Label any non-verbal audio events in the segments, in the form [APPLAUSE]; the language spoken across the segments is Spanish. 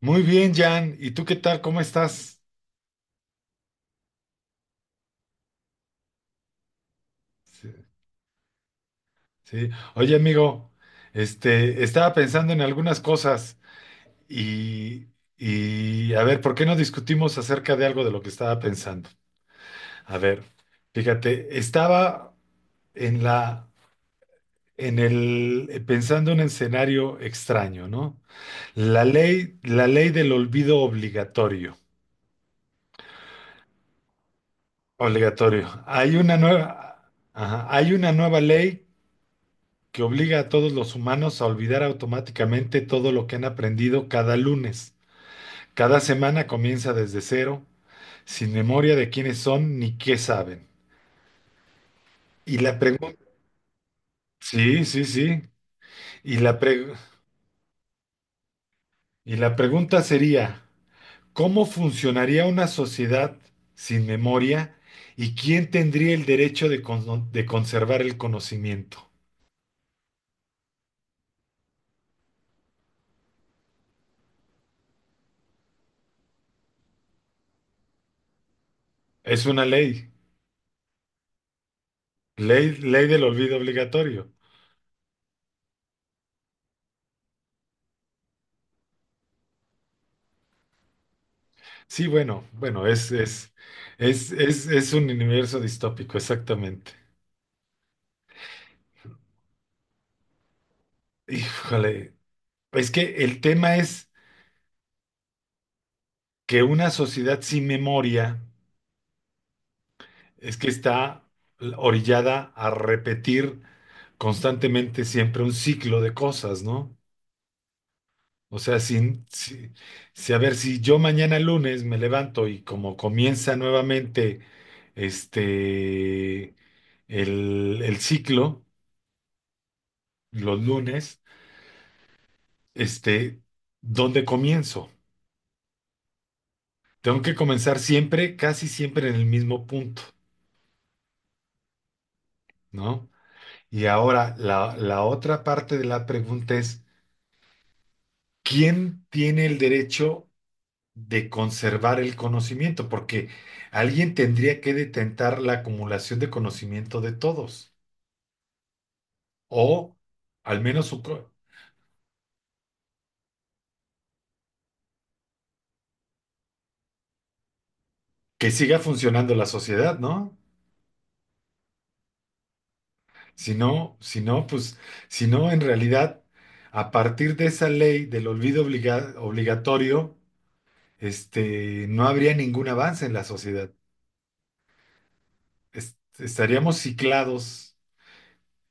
Muy bien, Jan. ¿Y tú qué tal? ¿Cómo estás? Sí. Sí. Oye, amigo, estaba pensando en algunas cosas y, y a ver, ¿por qué no discutimos acerca de algo de lo que estaba pensando? A ver, fíjate, estaba en la, en el, pensando en un escenario extraño, ¿no? La ley del olvido obligatorio. Obligatorio. Ajá, hay una nueva ley que obliga a todos los humanos a olvidar automáticamente todo lo que han aprendido cada lunes. Cada semana comienza desde cero, sin memoria de quiénes son ni qué saben. Y la pregunta, sí, sí, sí. Y la pre- y la pregunta sería, ¿cómo funcionaría una sociedad sin memoria y quién tendría el derecho de conservar el conocimiento? Es una ley del olvido obligatorio. Sí, bueno, bueno, es un universo distópico, exactamente. Híjole, es que el tema es que una sociedad sin memoria es que está orillada a repetir constantemente siempre un ciclo de cosas, ¿no? O sea, sin, si, si- a ver, si yo mañana lunes me levanto y como comienza nuevamente este, el ciclo, los lunes. este, Dónde comienzo? Tengo que comenzar siempre, casi siempre en el mismo punto, ¿no? Y ahora la otra parte de la pregunta es, ¿quién tiene el derecho de conservar el conocimiento? Porque alguien tendría que detentar la acumulación de conocimiento de todos, o al menos que siga funcionando la sociedad, ¿no? Si no, si no, pues, si no, en realidad, a partir de esa ley del obligatorio, no habría ningún avance en la sociedad. Estaríamos ciclados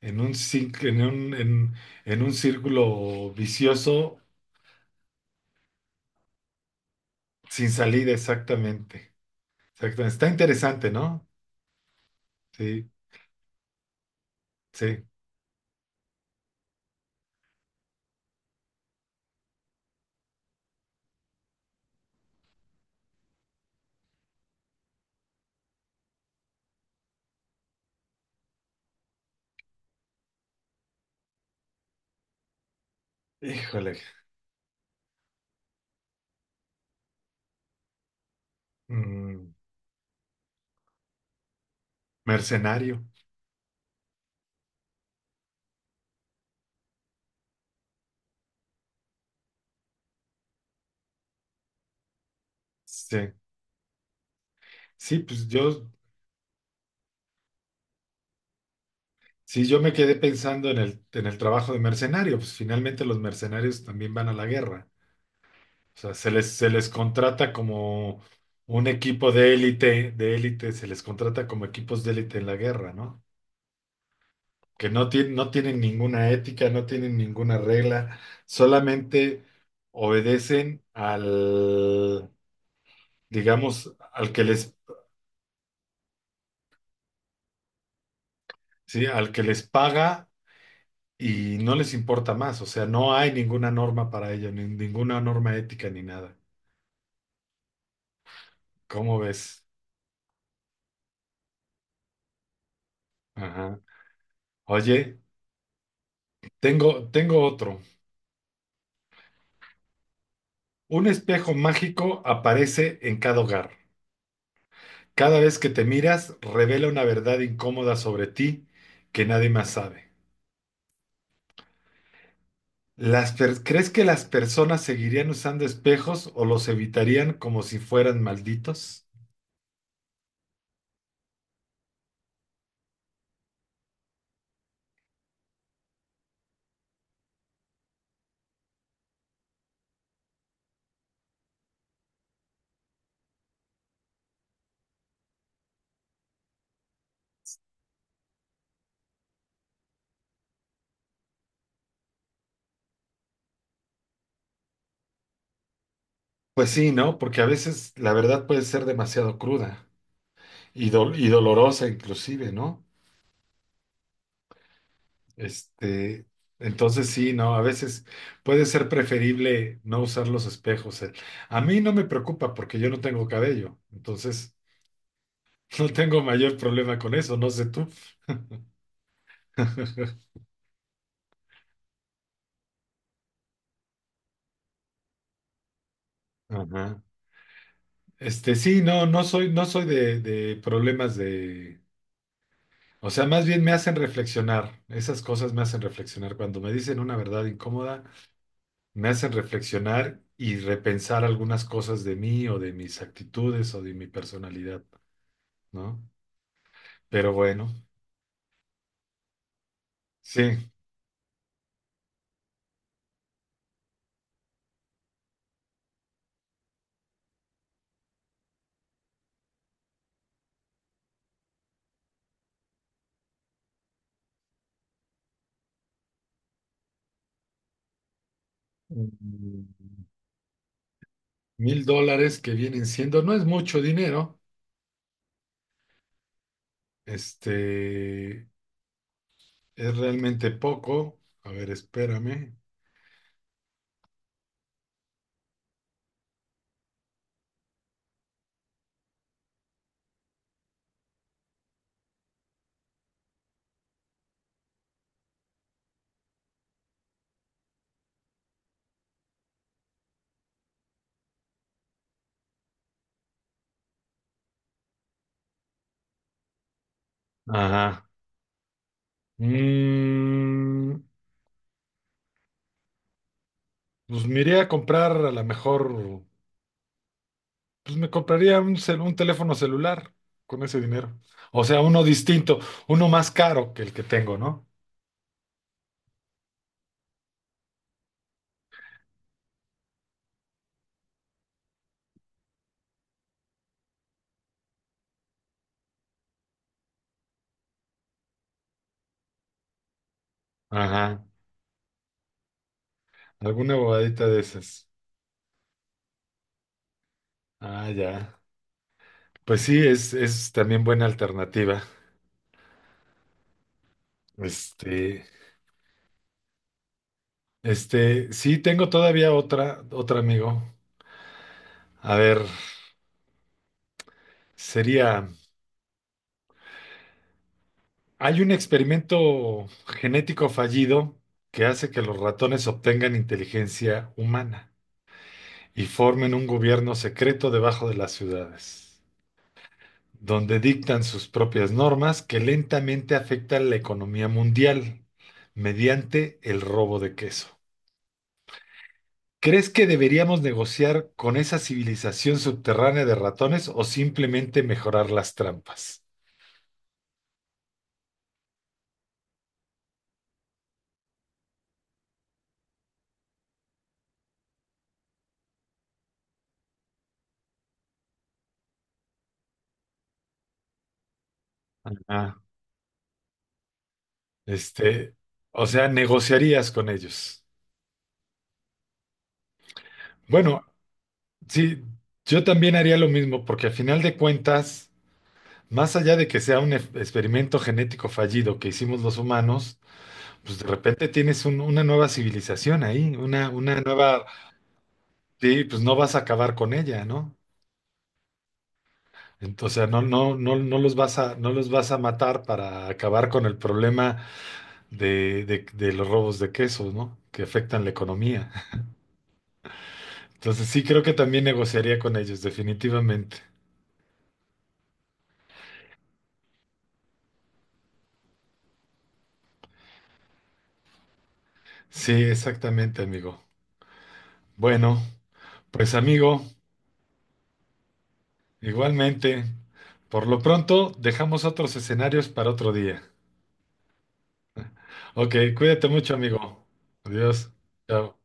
en un, cinc- en un círculo vicioso sin salida, exactamente. Exactamente. Está interesante, ¿no? Sí, sí. Híjole. Mm, Mercenario. Sí. Sí, pues yo. Sí, yo me quedé pensando en el trabajo de mercenario, pues finalmente los mercenarios también van a la guerra. O sea, se les contrata como un equipo de élite, se les contrata como equipos de élite en la guerra, ¿no? Que no tienen ninguna ética, no tienen ninguna regla, solamente obedecen al, digamos, sí, al que les paga y no les importa más. O sea, no hay ninguna norma para ello, ni ninguna norma ética ni nada. ¿Cómo ves? Ajá. Oye, tengo otro. Un espejo mágico aparece en cada hogar. Cada vez que te miras, revela una verdad incómoda sobre ti que nadie más sabe. ¿Crees que las personas seguirían usando espejos o los evitarían como si fueran malditos? Pues sí, ¿no? Porque a veces la verdad puede ser demasiado cruda y dolorosa inclusive, ¿no? Este, entonces sí, no, a veces puede ser preferible no usar los espejos. A mí no me preocupa porque yo no tengo cabello, entonces [LAUGHS] no tengo mayor problema con eso, no sé tú. Ajá. Sí, no, no soy de problemas o sea, más bien me hacen reflexionar. Esas cosas me hacen reflexionar. Cuando me dicen una verdad incómoda, me hacen reflexionar y repensar algunas cosas de mí o de mis actitudes o de mi personalidad, ¿no? Pero bueno. Sí, mm, 1000 dólares que vienen siendo, no es mucho dinero, este, es realmente poco. A ver, espérame. Ajá. Mm, pues me iría a comprar a lo mejor, pues me compraría un teléfono celular con ese dinero. O sea, uno distinto, uno más caro que el que tengo, ¿no? Ajá. Alguna bobadita de esas. Ah, ya. Pues sí, es también buena alternativa. Este. Sí, tengo todavía otra amigo. A ver, sería, hay un experimento genético fallido que hace que los ratones obtengan inteligencia humana y formen un gobierno secreto debajo de las ciudades, donde dictan sus propias normas que lentamente afectan la economía mundial mediante el robo de queso. ¿Crees que deberíamos negociar con esa civilización subterránea de ratones o simplemente mejorar las trampas? Ah, este, o sea, negociarías con ellos. Bueno, sí, yo también haría lo mismo porque al final de cuentas, más allá de que sea un experimento genético fallido que hicimos los humanos, pues de repente tienes una nueva civilización ahí, una nueva, sí, pues no vas a acabar con ella, ¿no? Entonces, no, no, no, no los vas a matar para acabar con el problema de los robos de quesos, ¿no? Que afectan la economía. Entonces, sí, creo que también negociaría con ellos, definitivamente. Sí, exactamente, amigo. Bueno, pues amigo, igualmente. Por lo pronto, dejamos otros escenarios para otro día. Ok, cuídate mucho, amigo. Adiós. Chao.